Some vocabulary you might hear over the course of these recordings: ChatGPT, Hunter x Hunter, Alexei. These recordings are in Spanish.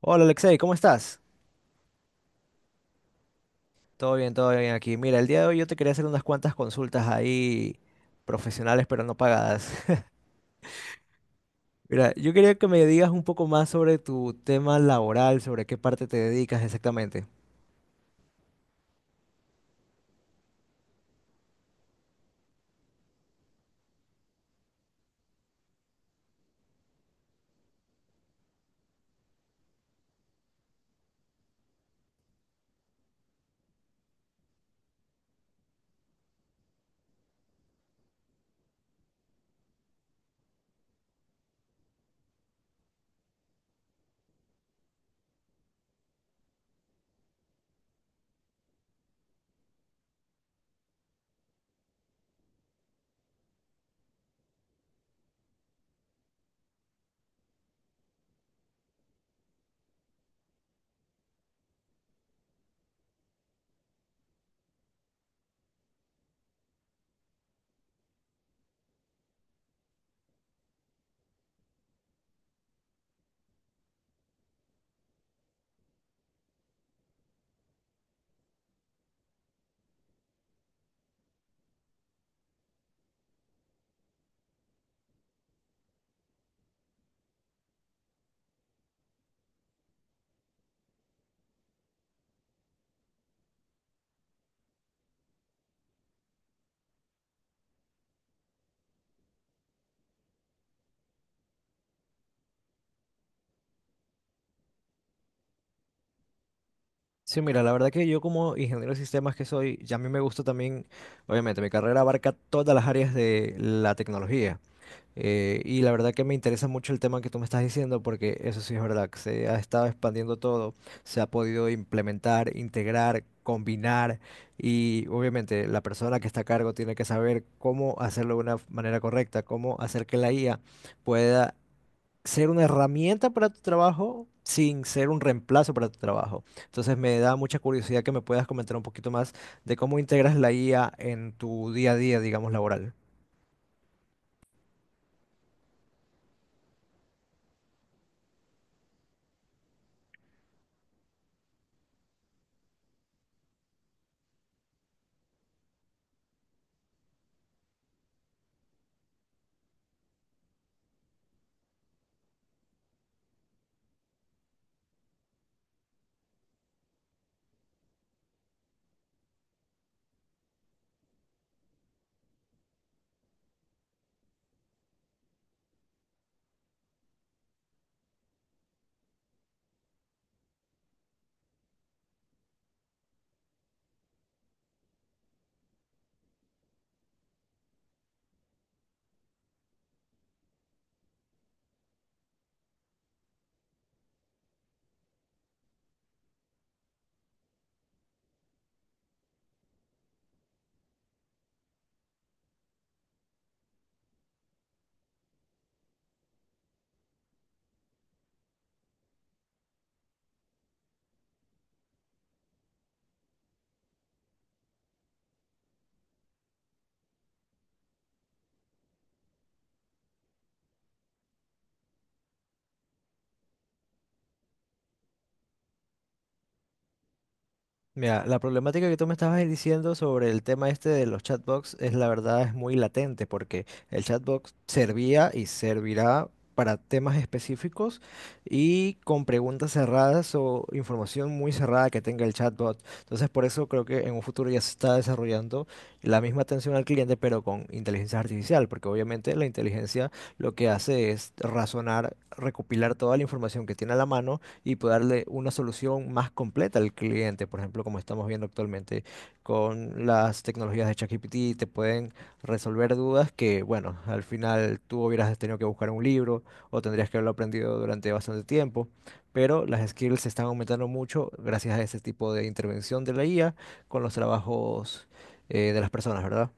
Hola Alexei, ¿cómo estás? Todo bien aquí. Mira, el día de hoy yo te quería hacer unas cuantas consultas ahí profesionales pero no pagadas. Mira, yo quería que me digas un poco más sobre tu tema laboral, sobre qué parte te dedicas exactamente. Sí, mira, la verdad que yo como ingeniero de sistemas que soy, ya a mí me gusta también, obviamente, mi carrera abarca todas las áreas de la tecnología. Y la verdad que me interesa mucho el tema que tú me estás diciendo, porque eso sí es verdad, que se ha estado expandiendo todo, se ha podido implementar, integrar, combinar, y obviamente la persona que está a cargo tiene que saber cómo hacerlo de una manera correcta, cómo hacer que la IA pueda ser una herramienta para tu trabajo sin ser un reemplazo para tu trabajo. Entonces me da mucha curiosidad que me puedas comentar un poquito más de cómo integras la IA en tu día a día, digamos, laboral. Mira, la problemática que tú me estabas diciendo sobre el tema este de los chatbots es la verdad es muy latente porque el chatbot servía y servirá para temas específicos y con preguntas cerradas o información muy cerrada que tenga el chatbot. Entonces, por eso creo que en un futuro ya se está desarrollando la misma atención al cliente, pero con inteligencia artificial, porque obviamente la inteligencia lo que hace es razonar, recopilar toda la información que tiene a la mano y poder darle una solución más completa al cliente. Por ejemplo, como estamos viendo actualmente con las tecnologías de ChatGPT, te pueden resolver dudas que, bueno, al final tú hubieras tenido que buscar un libro o tendrías que haberlo aprendido durante bastante tiempo. Pero las skills se están aumentando mucho gracias a ese tipo de intervención de la IA con los trabajos de las personas, ¿verdad?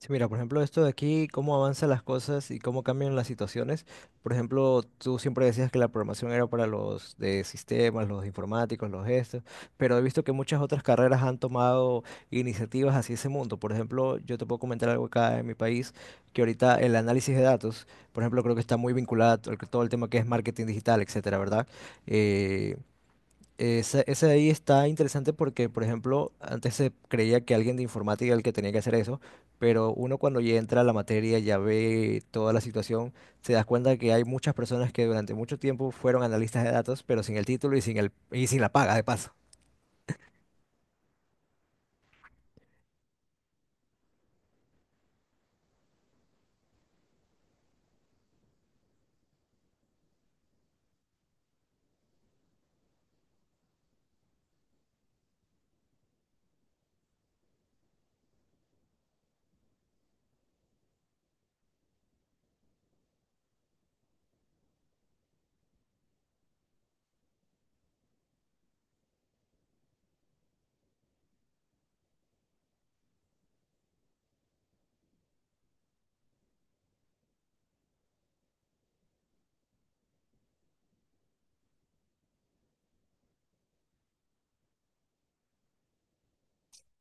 Sí, mira, por ejemplo, esto de aquí, cómo avanzan las cosas y cómo cambian las situaciones. Por ejemplo, tú siempre decías que la programación era para los de sistemas, los informáticos, los gestos, pero he visto que muchas otras carreras han tomado iniciativas hacia ese mundo. Por ejemplo, yo te puedo comentar algo acá en mi país, que ahorita el análisis de datos, por ejemplo, creo que está muy vinculado a todo el tema que es marketing digital, etcétera, ¿verdad? Eh, Ahí está interesante porque, por ejemplo, antes se creía que alguien de informática era el que tenía que hacer eso, pero uno cuando ya entra a la materia, ya ve toda la situación, se da cuenta que hay muchas personas que durante mucho tiempo fueron analistas de datos, pero sin el título y sin la paga, de paso.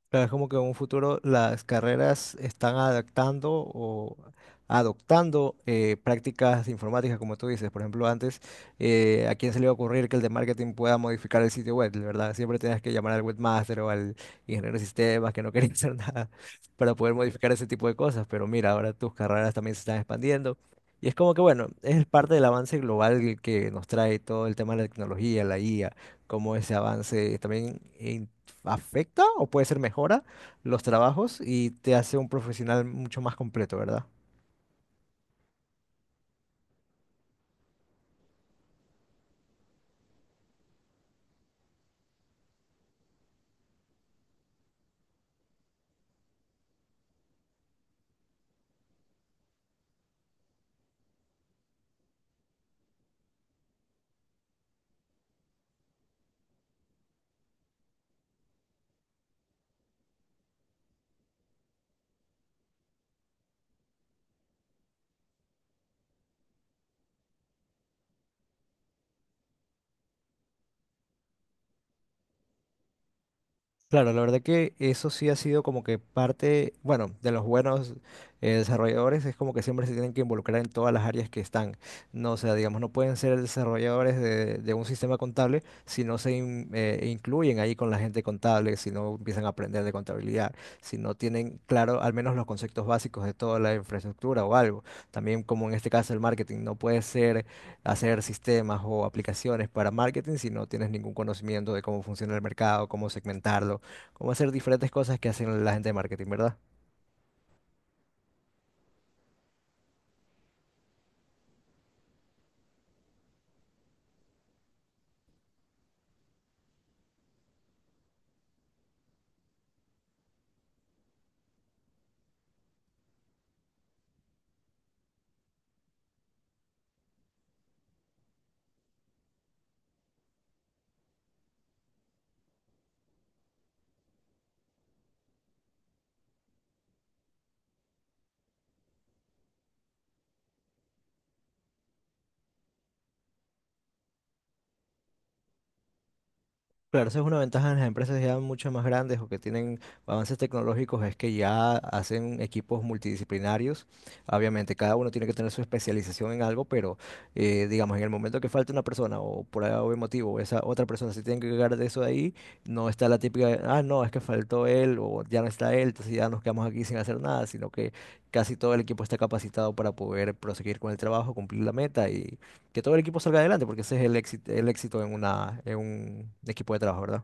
Claro, es como que en un futuro las carreras están adaptando o adoptando prácticas informáticas, como tú dices. Por ejemplo, antes, ¿a quién se le iba a ocurrir que el de marketing pueda modificar el sitio web, ¿verdad? Siempre tenías que llamar al webmaster o al ingeniero de sistemas que no quería hacer nada para poder modificar ese tipo de cosas. Pero mira, ahora tus carreras también se están expandiendo. Y es como que, bueno, es parte del avance global que nos trae todo el tema de la tecnología, la IA, cómo ese avance también afecta o puede ser mejora los trabajos y te hace un profesional mucho más completo, ¿verdad? Claro, la verdad que eso sí ha sido como que parte, bueno, de los buenos desarrolladores es como que siempre se tienen que involucrar en todas las áreas que están. No, o sea, digamos, no pueden ser desarrolladores de un sistema contable si no se incluyen ahí con la gente contable, si no empiezan a aprender de contabilidad, si no tienen claro al menos los conceptos básicos de toda la infraestructura o algo. También como en este caso el marketing, no puede ser hacer sistemas o aplicaciones para marketing si no tienes ningún conocimiento de cómo funciona el mercado, cómo segmentarlo, cómo hacer diferentes cosas que hacen la gente de marketing, ¿verdad? Claro, esa es una ventaja en las empresas ya mucho más grandes o que tienen avances tecnológicos, es que ya hacen equipos multidisciplinarios. Obviamente, cada uno tiene que tener su especialización en algo, pero digamos, en el momento que falta una persona o por algún motivo, esa otra persona se tiene que cargar de eso de ahí, no está la típica, de, ah, no, es que faltó él o ya no está él, entonces ya nos quedamos aquí sin hacer nada, sino que casi todo el equipo está capacitado para poder proseguir con el trabajo, cumplir la meta y que todo el equipo salga adelante, porque ese es el éxito en un equipo de trabajo, ¿verdad?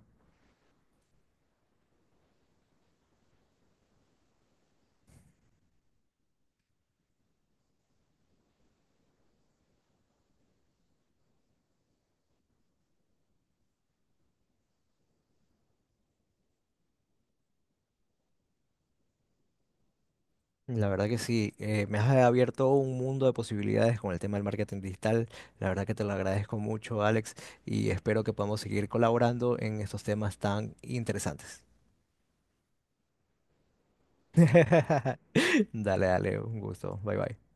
La verdad que sí, me has abierto un mundo de posibilidades con el tema del marketing digital. La verdad que te lo agradezco mucho, Alex, y espero que podamos seguir colaborando en estos temas tan interesantes. Dale, dale, un gusto. Bye, bye.